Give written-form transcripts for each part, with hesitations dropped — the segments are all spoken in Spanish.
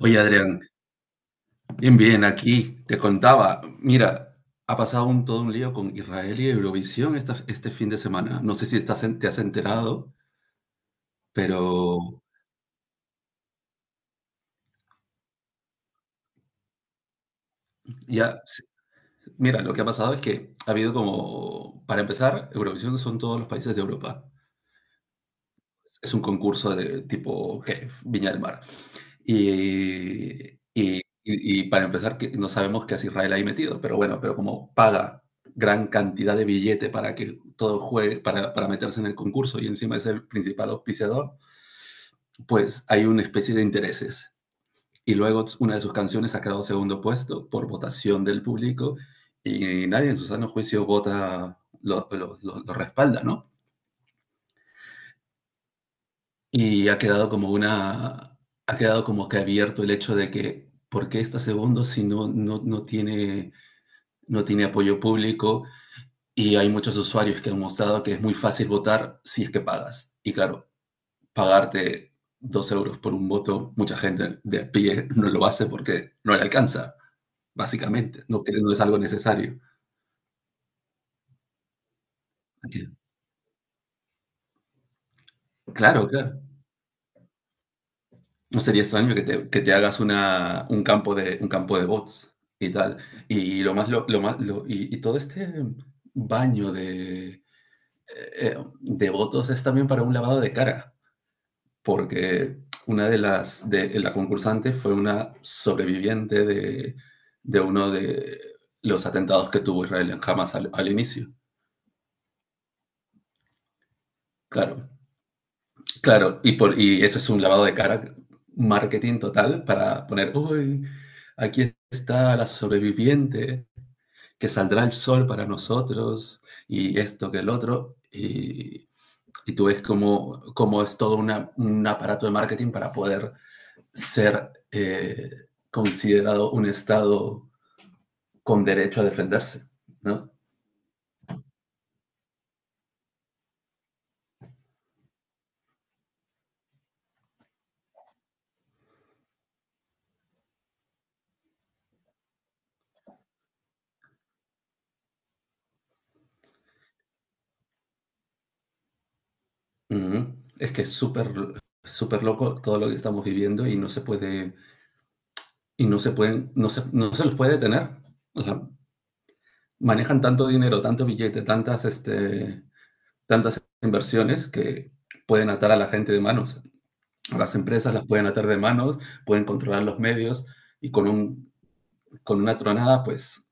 Oye, Adrián, bien, bien, aquí te contaba, mira, ha pasado todo un lío con Israel y Eurovisión este fin de semana. No sé si te has enterado, pero ya, mira, lo que ha pasado es que ha habido como, para empezar, Eurovisión son todos los países de Europa. Es un concurso de tipo, ¿qué? Viña del Mar. Y, y, y y para empezar, que no sabemos qué hace Israel ahí metido, pero bueno, pero como paga gran cantidad de billete para que todo juegue, para meterse en el concurso y encima es el principal auspiciador, pues hay una especie de intereses. Y luego una de sus canciones ha quedado segundo puesto por votación del público y nadie en su sano juicio vota, lo respalda, ¿no? Y ha quedado ha quedado como que abierto el hecho de que, ¿por qué está segundo si no tiene, no tiene apoyo público? Y hay muchos usuarios que han mostrado que es muy fácil votar si es que pagas. Y claro, pagarte dos euros por un voto, mucha gente de a pie no lo hace porque no le alcanza, básicamente. No, no es algo necesario. Claro, claro. No sería extraño que te hagas un campo de bots y tal. Y lo más, y todo este baño de votos es también para un lavado de cara, porque una de las, de la concursante fue una sobreviviente de uno de los atentados que tuvo Israel en Hamas al, al inicio. Claro, claro, y eso es un lavado de cara, marketing total, para poner, uy, aquí está la sobreviviente, que saldrá el sol para nosotros, y esto que el otro, y tú ves cómo, cómo es todo un aparato de marketing para poder ser considerado un Estado con derecho a defenderse, ¿no? Ujú. Es que es súper, súper loco todo lo que estamos viviendo y no se puede y no se pueden, no se los puede detener. O sea, manejan tanto dinero, tanto billete, tantas, tantas inversiones que pueden atar a la gente de manos. A las empresas las pueden atar de manos, pueden controlar los medios y con una tronada, pues,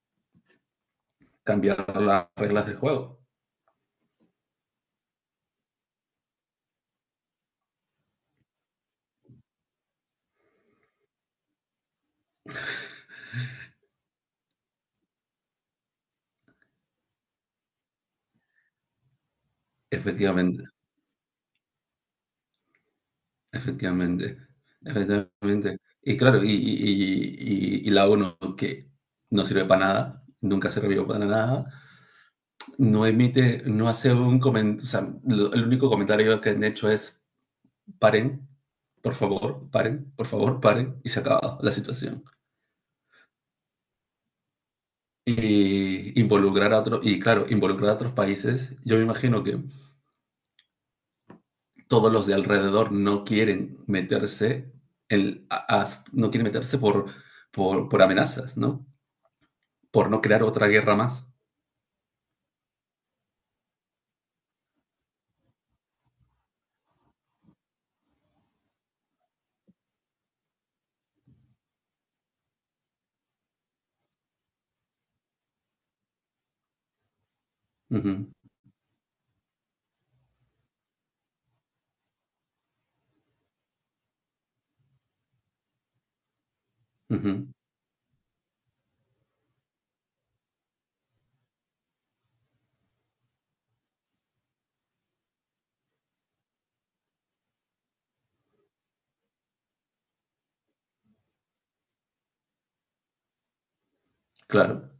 cambiar las reglas de juego. Efectivamente, efectivamente, efectivamente. Y claro, y la ONU que no sirve para nada, nunca sirvió para nada, no emite, no hace un comentario, o sea, el único comentario que han hecho es paren, por favor, paren, por favor, paren, y se acaba la situación. Y involucrar a otros, y claro, involucrar a otros países, yo me imagino que todos los de alrededor no quieren meterse, en, a- a- no quieren meterse por amenazas, ¿no? Por no crear otra guerra más. Ujú, ujú, claro,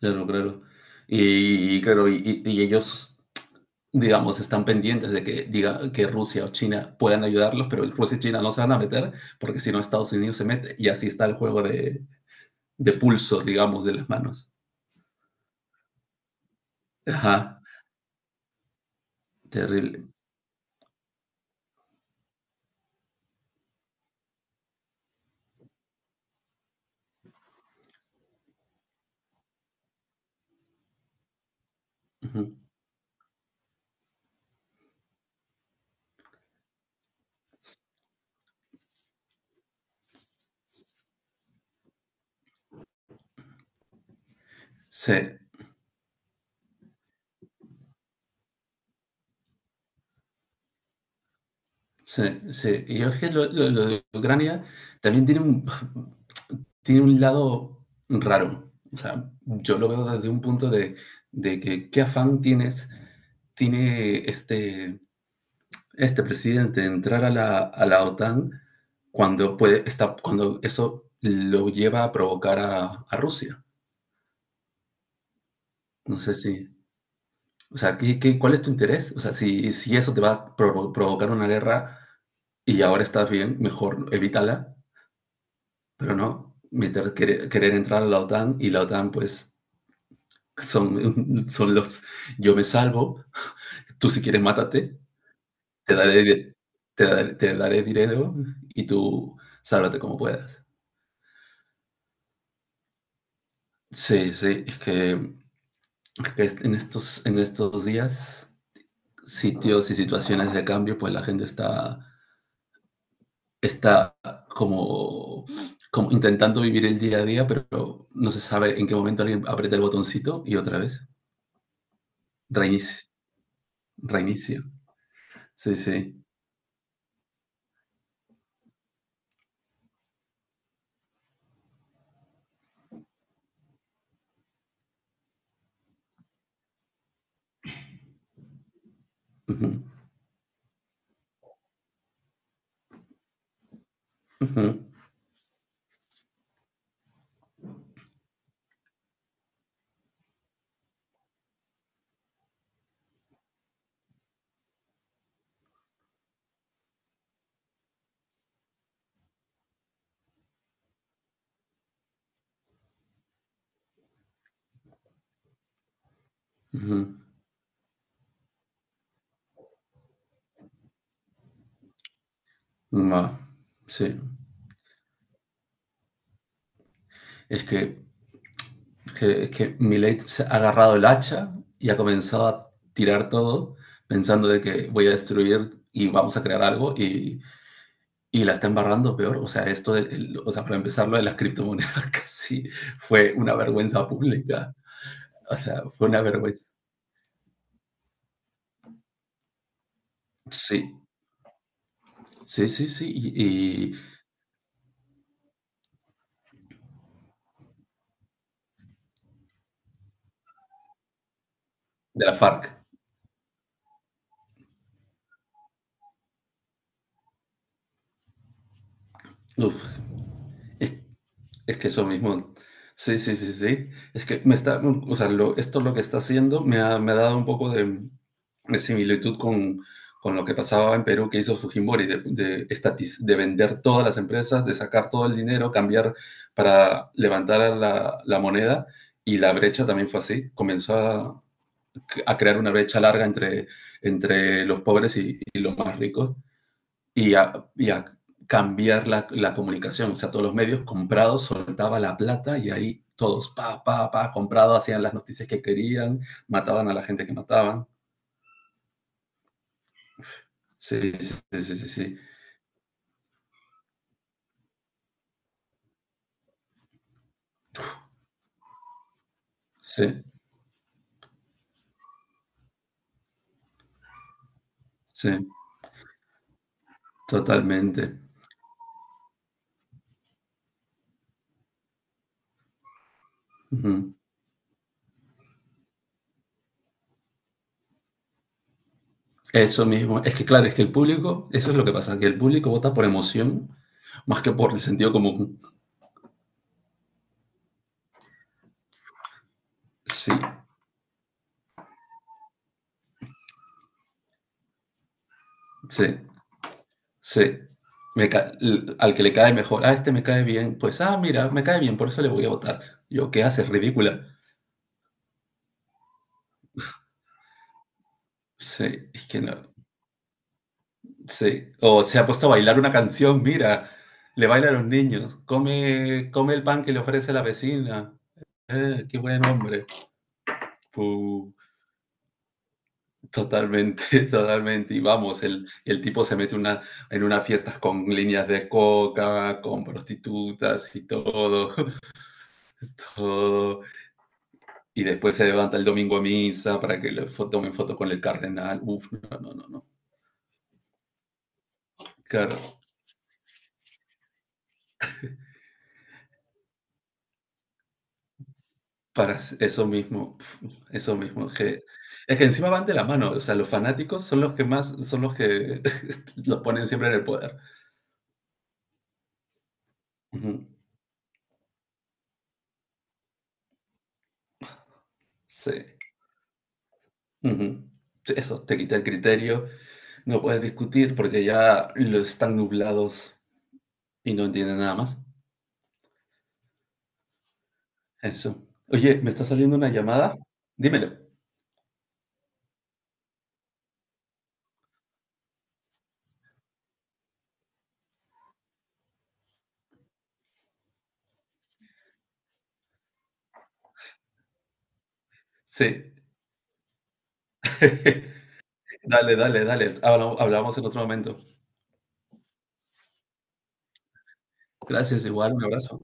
claro, claro. Y ellos digamos, están pendientes de que diga que Rusia o China puedan ayudarlos, pero Rusia y China no se van a meter porque si no Estados Unidos se mete y así está el juego de pulsos, digamos, de las manos. Ajá, terrible. Ujú. Sí, sí, sí. Y es que lo de Ucrania también tiene un, tiene un lado raro. O sea, yo lo veo desde un punto de que qué afán tienes, tiene este presidente entrar a la OTAN cuando, puede, está, cuando eso lo lleva a provocar a Rusia. No sé si, o sea, ¿cuál es tu interés? O sea, si eso te va a provocar una guerra y ahora estás bien, mejor evítala, pero no meter, querer entrar a la OTAN y la OTAN pues son, son los yo me salvo, tú si quieres mátate, te daré, te daré dinero y tú sálvate como puedas. Sí, sí, es que, en estos días, sitios y situaciones de cambio, pues la gente está, está como, como intentando vivir el día a día, pero no se sabe en qué momento alguien aprieta el botoncito y otra vez reinicio, reinicio. Sí, sí. Ujú, ujú, ujú. Ma, sí, es que es que Millet se ha agarrado el hacha y ha comenzado a tirar todo pensando de que voy a destruir y vamos a crear algo y la está embarrando peor. O sea, o sea, para empezar, lo de las criptomonedas casi fue una vergüenza pública. O sea, fue una vergüenza. Sí, sí, sí, sí. Y de la FARC. Uf, es es que eso mismo. Sí, sí, sí, sí. Es que me está, o sea, esto lo que está haciendo me ha dado un poco de similitud con lo que pasaba en Perú que hizo Fujimori, de vender todas las empresas, de sacar todo el dinero, cambiar para levantar a la moneda. Y la brecha también fue así. Comenzó a crear una brecha larga entre, entre los pobres y los más ricos y a cambiar comunicación. O sea, todos los medios comprados soltaba la plata y ahí todos, pa, pa, pa, comprado, hacían las noticias que querían, mataban a la gente que mataban. Sí, sí, sí, sí, sí, sí, sí, sí, totalmente. Uh -huh. Eso mismo. Es que claro, es que el público, eso es lo que pasa, que el público vota por emoción más que por el sentido común. Sí, sí. Sí. Me al que le cae mejor, ah, este me cae bien, pues, ah, mira, me cae bien, por eso le voy a votar. Yo, ¿qué haces? Ridícula. Sí, es que no. Sí. O se ha puesto a bailar una canción, mira, le baila a los niños, come, come el pan que le ofrece la vecina. Qué buen hombre. Pu, totalmente, totalmente. Y vamos, el tipo se mete en unas fiestas con líneas de coca, con prostitutas y todo, todo. Y después se levanta el domingo a misa para que le tomen foto con el cardenal. Uf, no, no, no, no. Claro, para eso mismo, pf, eso mismo. Es que encima van de la mano. O sea, los fanáticos son los que más, son los que los ponen siempre en el poder. Ujú, sí. Ujú. Sí, eso, te quita el criterio, no puedes discutir porque ya lo están nublados y no entienden nada más. Eso. Oye, me está saliendo una llamada. Dímelo. Sí. Dale, dale, dale. Hablamos en otro momento. Gracias, igual, un abrazo.